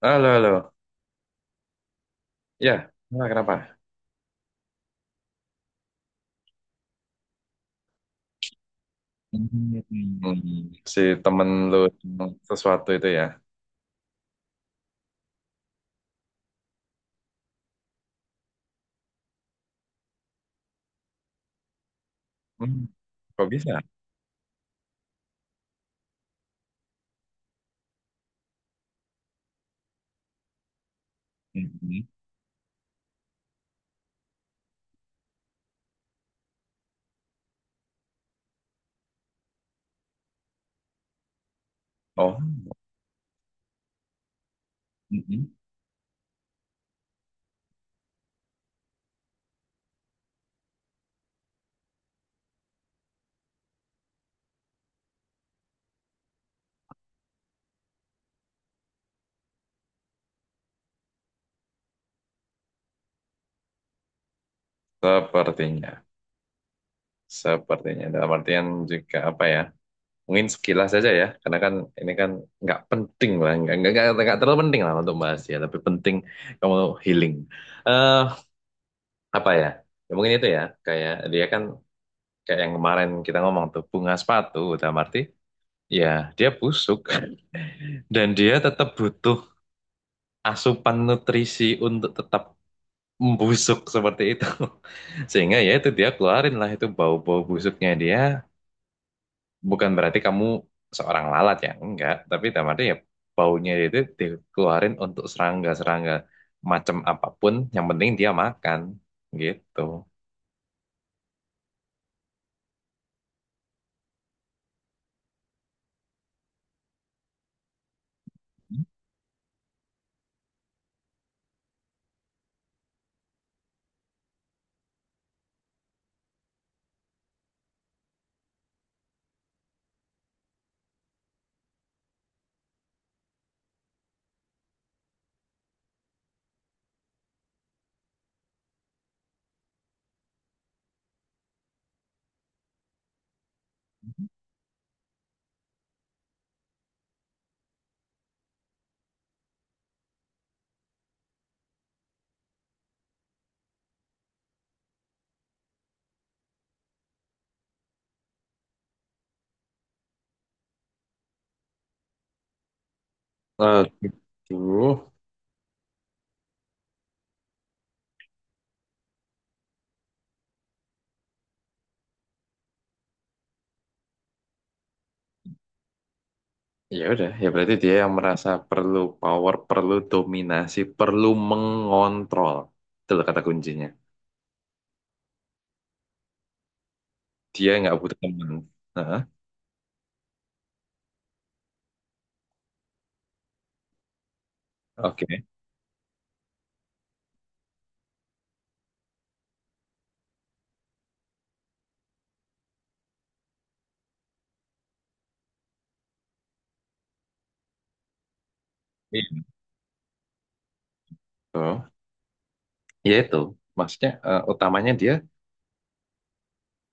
Halo, halo. Ya, nah, kenapa? Hmm, si temen lu sesuatu itu ya. Hmm, kok bisa? Mhm. Oh, mhm. Sepertinya. Sepertinya. Dalam artian juga apa ya? Mungkin sekilas saja ya. Karena kan ini kan nggak penting lah. Nggak terlalu penting lah untuk bahas ya. Tapi penting kamu healing. eh Apa ya? Ya mungkin itu ya. Kayak dia kan kayak yang kemarin kita ngomong tuh. Bunga sepatu. Dalam arti ya dia busuk dan dia tetap butuh asupan nutrisi untuk tetap membusuk seperti itu. Sehingga ya itu dia keluarin lah itu bau-bau busuknya dia. Bukan berarti kamu seorang lalat ya, enggak. Tapi dalam arti ya baunya itu dikeluarin untuk serangga-serangga macam apapun. Yang penting dia makan gitu. Nah, gitu. Ya udah, ya berarti dia yang merasa perlu power, perlu dominasi, perlu mengontrol. Itu loh kata kuncinya. Dia nggak butuh teman. Nah, oke. Itu. Ya itu. Maksudnya utamanya dia,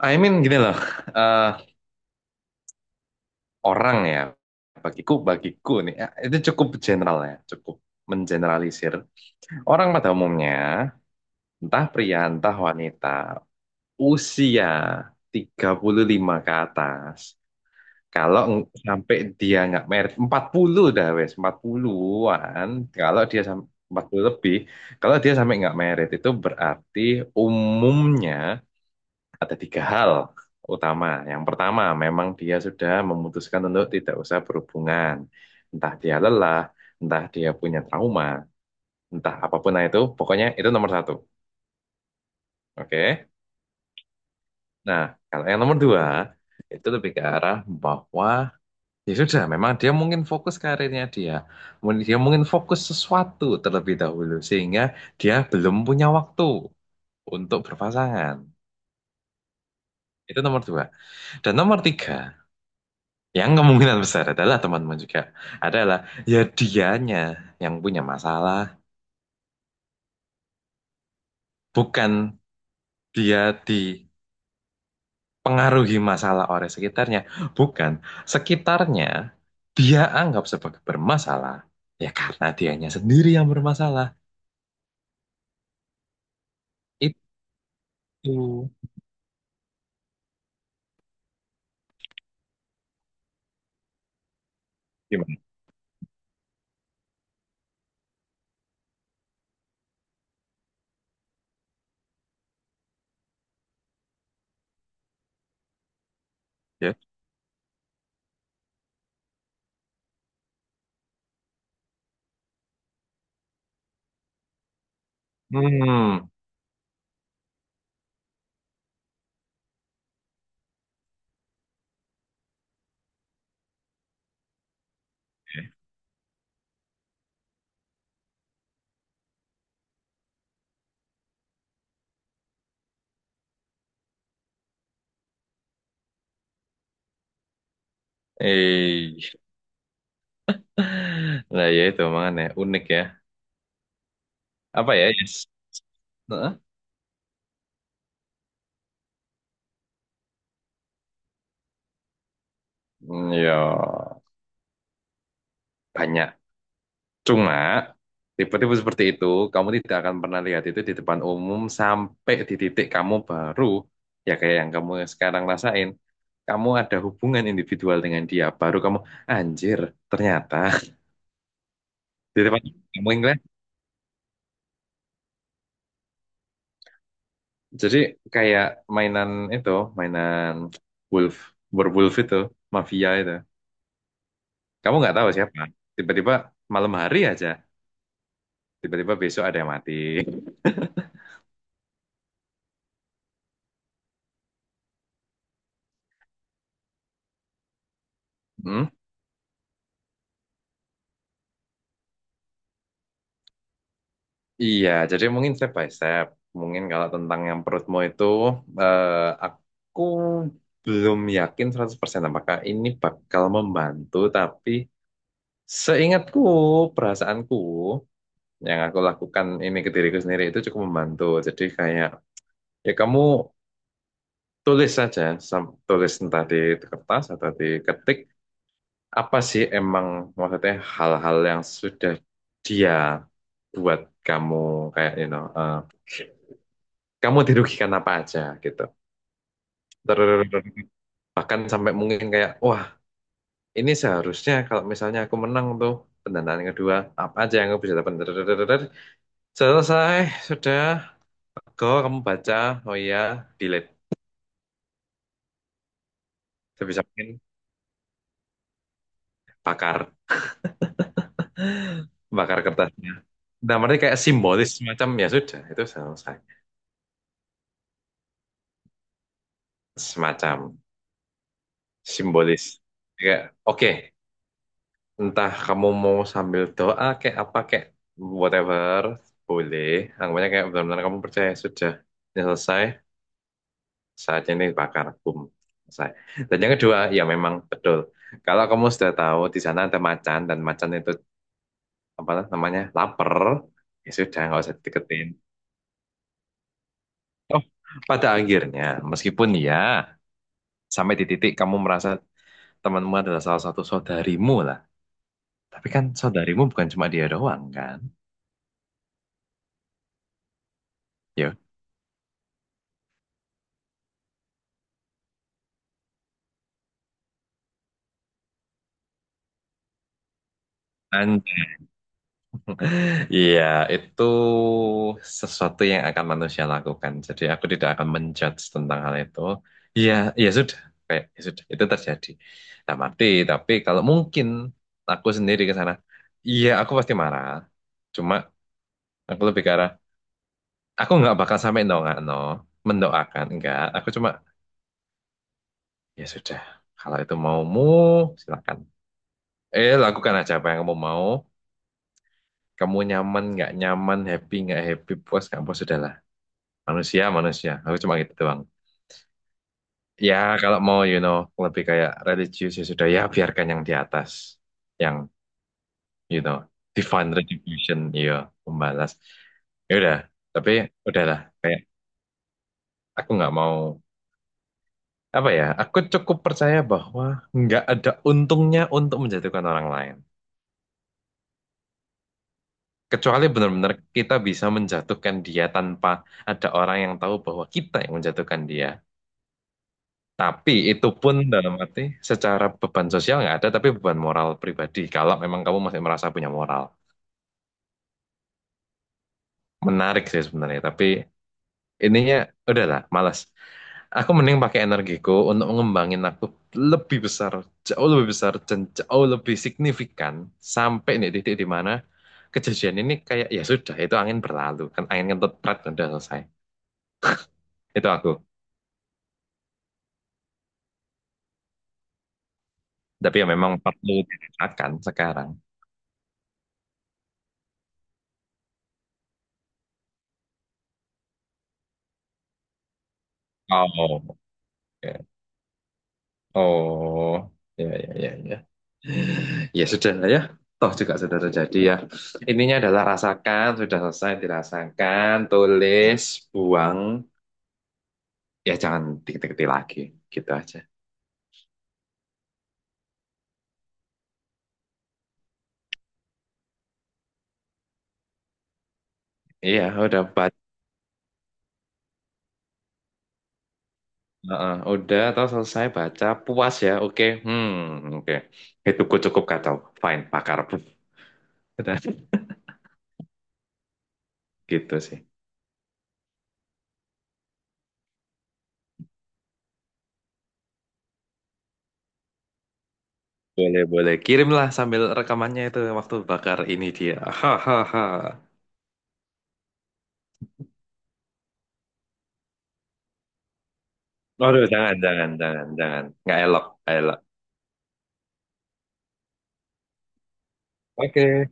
I mean gini loh, eh, orang ya, bagiku nih, itu cukup general ya, cukup mengeneralisir. Orang pada umumnya, entah pria, entah wanita, usia 35 ke atas, kalau sampai dia nggak merit 40 dah wes 40-an, kalau dia sampai 40 lebih, kalau dia sampai nggak merit itu berarti umumnya ada tiga hal utama. Yang pertama, memang dia sudah memutuskan untuk tidak usah berhubungan. Entah dia lelah, entah dia punya trauma, entah apapun lah itu, pokoknya itu nomor 1. Oke. Nah, kalau yang nomor 2 itu lebih ke arah bahwa ya sudah, memang dia mungkin fokus karirnya dia. Dia mungkin fokus sesuatu terlebih dahulu sehingga dia belum punya waktu untuk berpasangan. Itu nomor 2. Dan nomor 3, yang kemungkinan besar adalah teman-teman juga adalah ya dianya yang punya masalah, bukan dia dipengaruhi masalah oleh sekitarnya, bukan sekitarnya dia anggap sebagai bermasalah. Ya karena dianya sendiri yang bermasalah. Itu gimana? Ya? Hmm, eh, nah, ya itu makanya unik ya. Apa ya? Yes. Heeh. Hmm, ya, banyak. Cuma, tipe-tipe seperti itu, kamu tidak akan pernah lihat itu di depan umum sampai di titik kamu baru, ya kayak yang kamu sekarang rasain, kamu ada hubungan individual dengan dia, baru kamu, anjir, ternyata. Di depan kamu ingat, jadi kayak mainan itu, mainan wolf, werewolf itu, mafia itu. Kamu nggak tahu siapa. Tiba-tiba malam hari aja, tiba-tiba besok ada yang mati. Hmm? Iya, jadi mungkin step by step. Mungkin kalau tentang yang perutmu itu, eh, aku belum yakin 100% apakah ini bakal membantu, tapi seingatku, perasaanku, yang aku lakukan ini ke diriku sendiri itu cukup membantu. Jadi kayak, ya kamu tulis saja, tulis entah di kertas atau di ketik, apa sih emang maksudnya hal-hal yang sudah dia buat kamu kayak kamu dirugikan apa aja gitu. Terus bahkan sampai mungkin kayak wah, ini seharusnya kalau misalnya aku menang tuh pendanaan kedua apa aja yang aku bisa dapat. Terus selesai, sudah. Go, kamu baca. Oh iya, delete. Sebisa mungkin bakar. Bakar kertasnya. Nah, mereka kayak simbolis semacam ya sudah, itu selesai. Semacam. Simbolis. Kayak, oke, entah kamu mau sambil doa kayak apa kayak whatever, boleh. Anggapannya kayak benar-benar kamu percaya sudah ini selesai, saatnya ini bakar, boom, selesai. Dan yang kedua, ya memang betul. Kalau kamu sudah tahu di sana ada macan dan macan itu apa namanya lapar, ya sudah nggak usah deketin. Oh, pada akhirnya, meskipun ya sampai di titik kamu merasa temanmu adalah salah satu saudarimu. Tapi kan saudarimu bukan cuma dia doang kan? Ya. Dan iya, itu sesuatu yang akan manusia lakukan. Jadi aku tidak akan menjudge tentang hal itu. Iya, ya sudah, kayak ya sudah itu terjadi. Nah, mati, tapi kalau mungkin aku sendiri ke sana, iya aku pasti marah. Cuma aku lebih ke arah, aku nggak bakal sampai no nggak no, mendoakan enggak. Aku cuma ya sudah, kalau itu maumu silakan. Lakukan aja apa yang kamu mau. Kamu nyaman nggak nyaman, happy nggak happy, puas nggak puas, sudahlah. Manusia, manusia. Aku cuma gitu doang. Ya, kalau mau, lebih kayak religius ya sudah ya biarkan yang di atas, yang you know, divine retribution, iya, membalas. Ya udah, tapi udahlah. Kayak aku nggak mau apa ya? Aku cukup percaya bahwa nggak ada untungnya untuk menjatuhkan orang lain. Kecuali benar-benar kita bisa menjatuhkan dia tanpa ada orang yang tahu bahwa kita yang menjatuhkan dia. Tapi itu pun dalam arti secara beban sosial nggak ada, tapi beban moral pribadi. Kalau memang kamu masih merasa punya moral, menarik sih sebenarnya. Tapi ininya udahlah, malas. Aku mending pakai energiku untuk mengembangin aku lebih besar, jauh lebih besar dan jauh lebih signifikan sampai nih titik di mana kejadian ini kayak ya sudah itu angin berlalu kan angin kentut prat udah selesai. Itu aku. Tapi ya memang perlu ditingkatkan sekarang. Oh, oke. Oh, ya, ya, ya, ya. Ya sudah lah ya. Toh juga sudah terjadi ya. Ininya adalah rasakan, sudah selesai dirasakan, tulis, buang. Ya jangan diketik-ketik lagi. Gitu aja. Iya, udah baca. Udah, toh selesai baca. Puas ya, oke. Hmm, oke. Itu cukup kacau. Fine, bakar. Udah, gitu sih. Boleh, boleh. Kirimlah sambil rekamannya itu waktu bakar ini dia. Hahaha. Waduh, jangan, jangan, jangan, jangan. Nggak elok, nggak elok. Oke,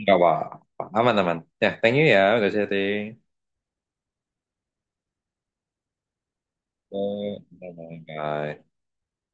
nggak apa-apa. Aman, aman. Ya, thank you ya, udah sharing. Eh, Bye-bye.